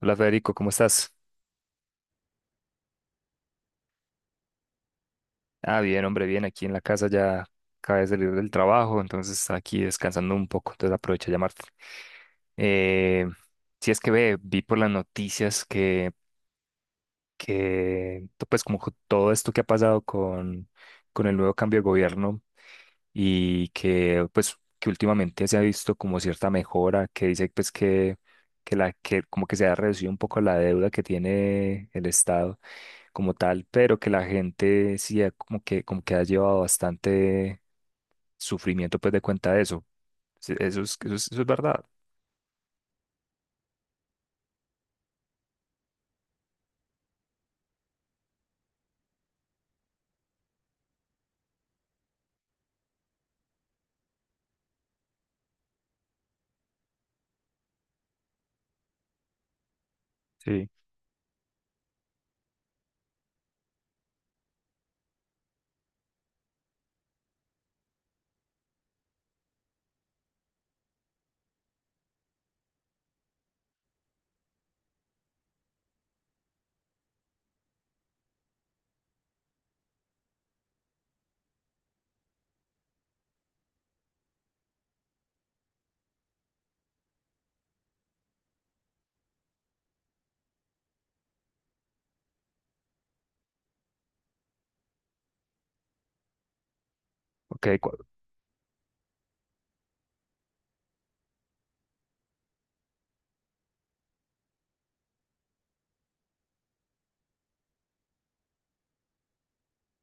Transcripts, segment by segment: Hola Federico, ¿cómo estás? Ah, bien, hombre, bien, aquí en la casa ya acabé de salir del trabajo, entonces aquí descansando un poco, entonces aprovecho a llamarte. Eh, si es que ve, vi por las noticias que, pues como todo esto que ha pasado con el nuevo cambio de gobierno y que pues que últimamente se ha visto como cierta mejora, que dice pues que la que como que se ha reducido un poco la deuda que tiene el Estado como tal, pero que la gente sí ha como que ha llevado bastante sufrimiento pues de cuenta de eso. Sí, eso es, eso es, eso es verdad. Sí. Ok, cua-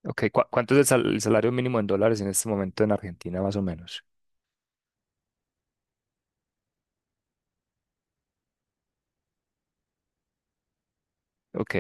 ¿Cuánto es el salario mínimo en dólares en este momento en Argentina más o menos? Ok.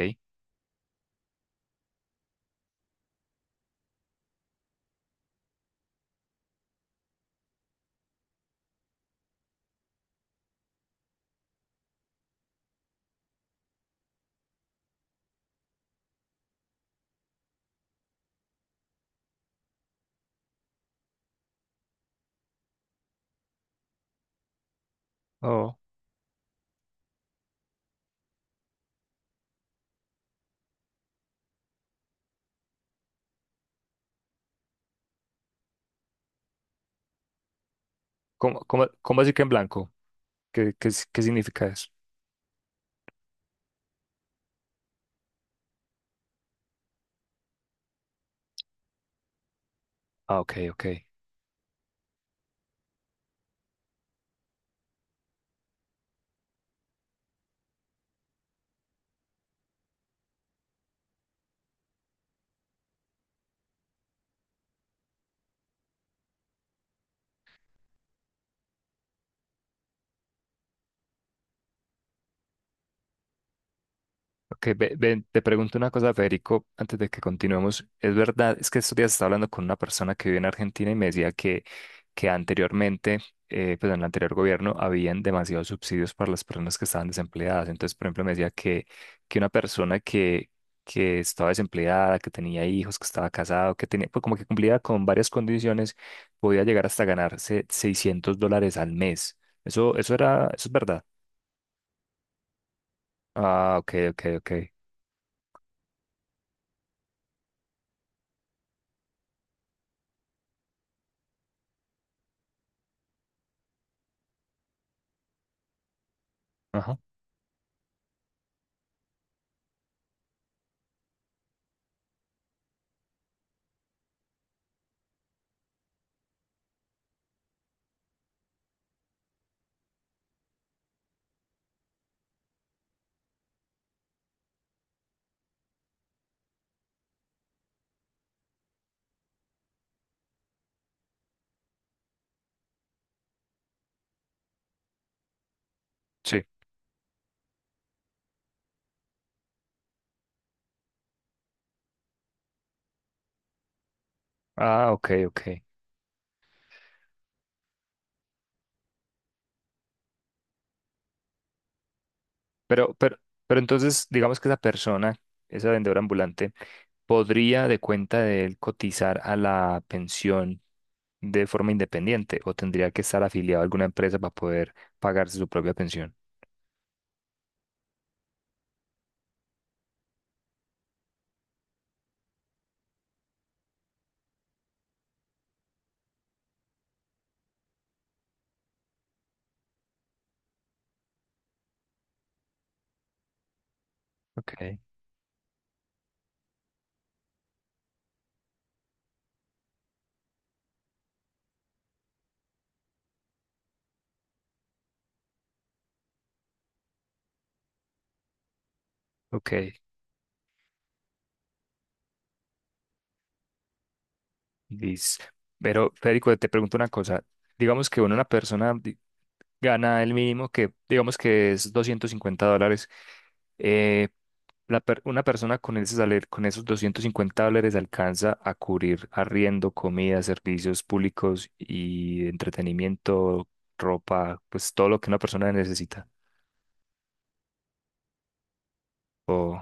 Oh. ¿Cómo decir que en blanco? ¿Qué significa eso? Ah, ok, ok. Ok. Ven, te pregunto una cosa, Federico, antes de que continuemos. Es verdad, es que estos días estaba hablando con una persona que vive en Argentina y me decía que anteriormente, pues en el anterior gobierno, habían demasiados subsidios para las personas que estaban desempleadas. Entonces, por ejemplo, me decía que una persona que estaba desempleada, que tenía hijos, que estaba casado, que tenía, pues como que cumplía con varias condiciones, podía llegar hasta ganarse $600 al mes. Eso era, eso es verdad. Ah, ok, ok, ok. Ajá. Ah, ok, ok. Pero, pero, pero entonces, digamos que esa persona, esa vendedora ambulante, podría de cuenta de él cotizar a la pensión de forma independiente o tendría que estar afiliado a alguna empresa para poder pagarse su propia pensión. Ok, ok, Liz. Pero, Federico, te pregunto una cosa. Digamos que bueno, gana el mínimo, que digamos que es $250. eh, una persona con con esos $250 alcanza a cubrir arriendo, comida, servicios públicos y entretenimiento, ropa, pues todo lo que una persona necesita. Oh,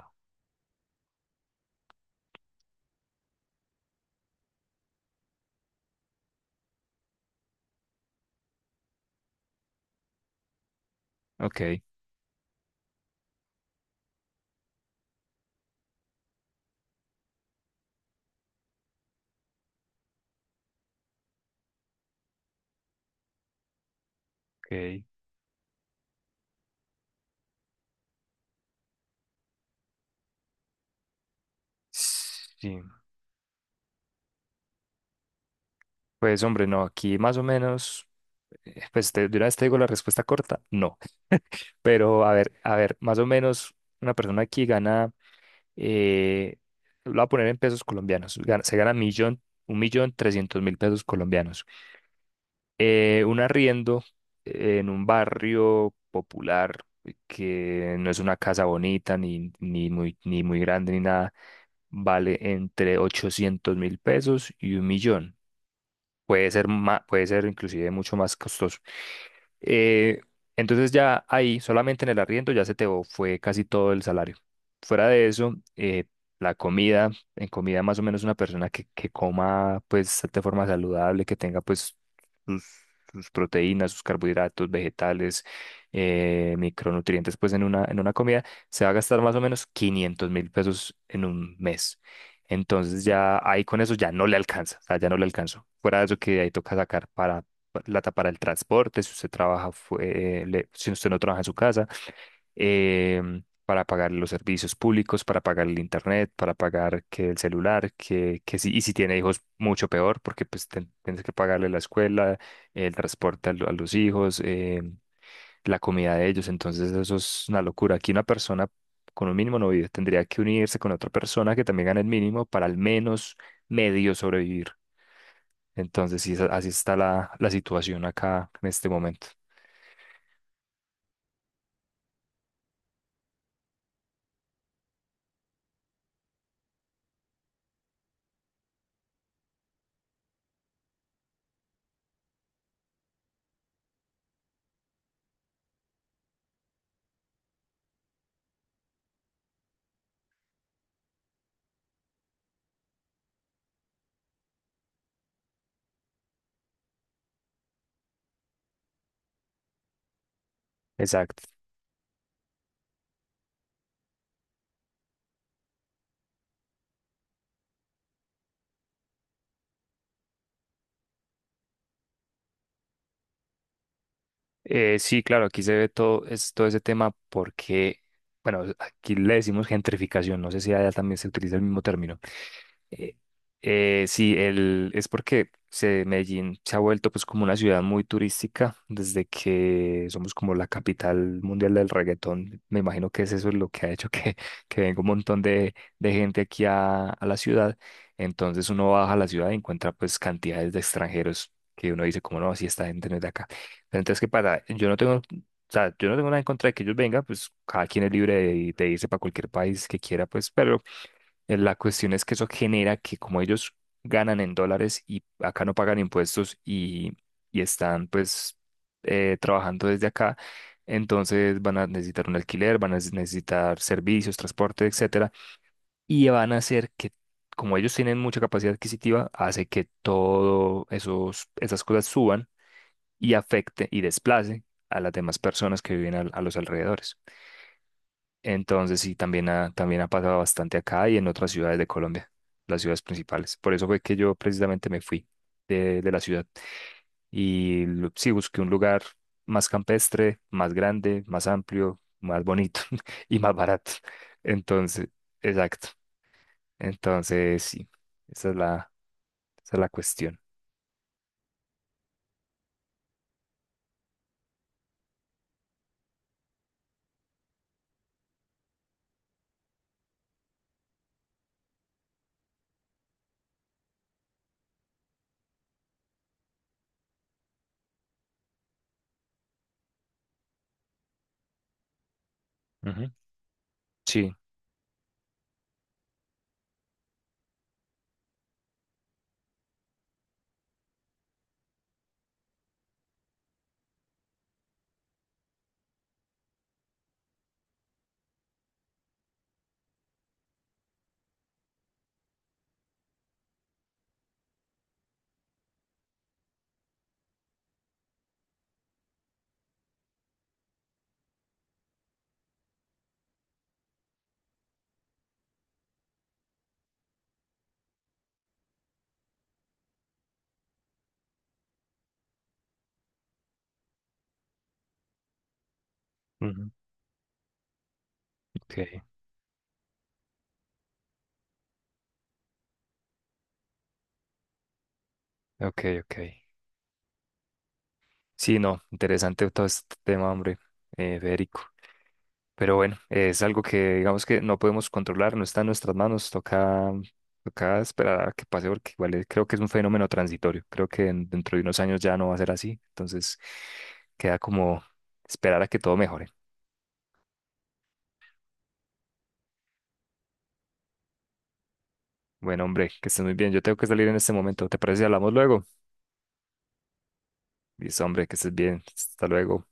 ok, ok. Sí. Pues hombre, no, aquí más o menos, de una vez te digo la respuesta corta, no. Pero a ver, más o menos una persona aquí gana, eh, lo voy a poner en pesos colombianos. Se gana un millón trescientos mil pesos colombianos. Un arriendo en un barrio popular, que no es una casa bonita, ni muy grande ni nada, vale entre 800.000 pesos y 1.000.000. Puede ser puede ser inclusive mucho más costoso. Eh, entonces ya ahí, solamente en el arriendo, ya se te fue casi todo el salario. Fuera de eso, la comida. En comida más o menos una persona que coma pues de forma saludable, que tenga pues sus, sus proteínas, sus carbohidratos, vegetales, micronutrientes pues en una comida, se va a gastar más o menos 500.000 pesos en un mes. Entonces ya ahí con eso ya no le alcanza, o sea, ya no le alcanzo. Fuera de eso, que ahí toca sacar para plata para el transporte, si usted trabaja, si usted no trabaja en su casa, para pagar los servicios públicos, para pagar el internet, para pagar que el celular, que si, y si tiene hijos, mucho peor, porque pues tienes que pagarle la escuela, el transporte a los hijos, la comida de ellos. Entonces eso es una locura. Aquí una persona con un mínimo no vive. Tendría que unirse con otra persona que también gane el mínimo para al menos medio sobrevivir. Entonces sí, así está la situación acá en este momento. Exacto. Sí, claro, aquí se ve todo ese tema, porque bueno, aquí le decimos gentrificación. No sé si allá también se utiliza el mismo término. Eh, sí, el, es porque se, Medellín se ha vuelto pues como una ciudad muy turística desde que somos como la capital mundial del reggaetón. Me imagino que es eso lo que ha hecho que, que venga un montón de gente aquí a la ciudad. Entonces uno baja a la ciudad y encuentra pues cantidades de extranjeros que uno dice como no, si esta gente no es de acá. Pero entonces, ¿qué pasa? Yo no tengo... O sea, yo no tengo nada en contra de que ellos vengan, pues cada quien es libre de irse para cualquier país que quiera, pues, pero la cuestión es que eso genera que como ellos ganan en dólares y acá no pagan impuestos, y están pues trabajando desde acá, entonces van a necesitar un alquiler, van a necesitar servicios, transporte, etcétera, y van a hacer que, como ellos tienen mucha capacidad adquisitiva, hace que todo esos esas cosas suban y afecte y desplace a las demás personas que viven a los alrededores. Entonces sí, también ha pasado bastante acá y en otras ciudades de Colombia, las ciudades principales. Por eso fue que yo precisamente me fui de la ciudad y sí busqué un lugar más campestre, más grande, más amplio, más bonito y más barato. Entonces, exacto. Entonces sí, esa es la, esa es la cuestión. Ujú. Sí. Ujú. Ok, ok, ok. Sí, no, interesante todo este tema, hombre, Federico. Pero bueno, es algo que digamos que no podemos controlar, no está en nuestras manos, toca, esperar a que pase, porque igual creo que es un fenómeno transitorio, creo que dentro de unos años ya no va a ser así, entonces queda como esperar a que todo mejore. Bueno, hombre, que estés muy bien, yo tengo que salir en este momento, ¿te parece si hablamos luego? Listo, hombre, que estés bien, hasta luego.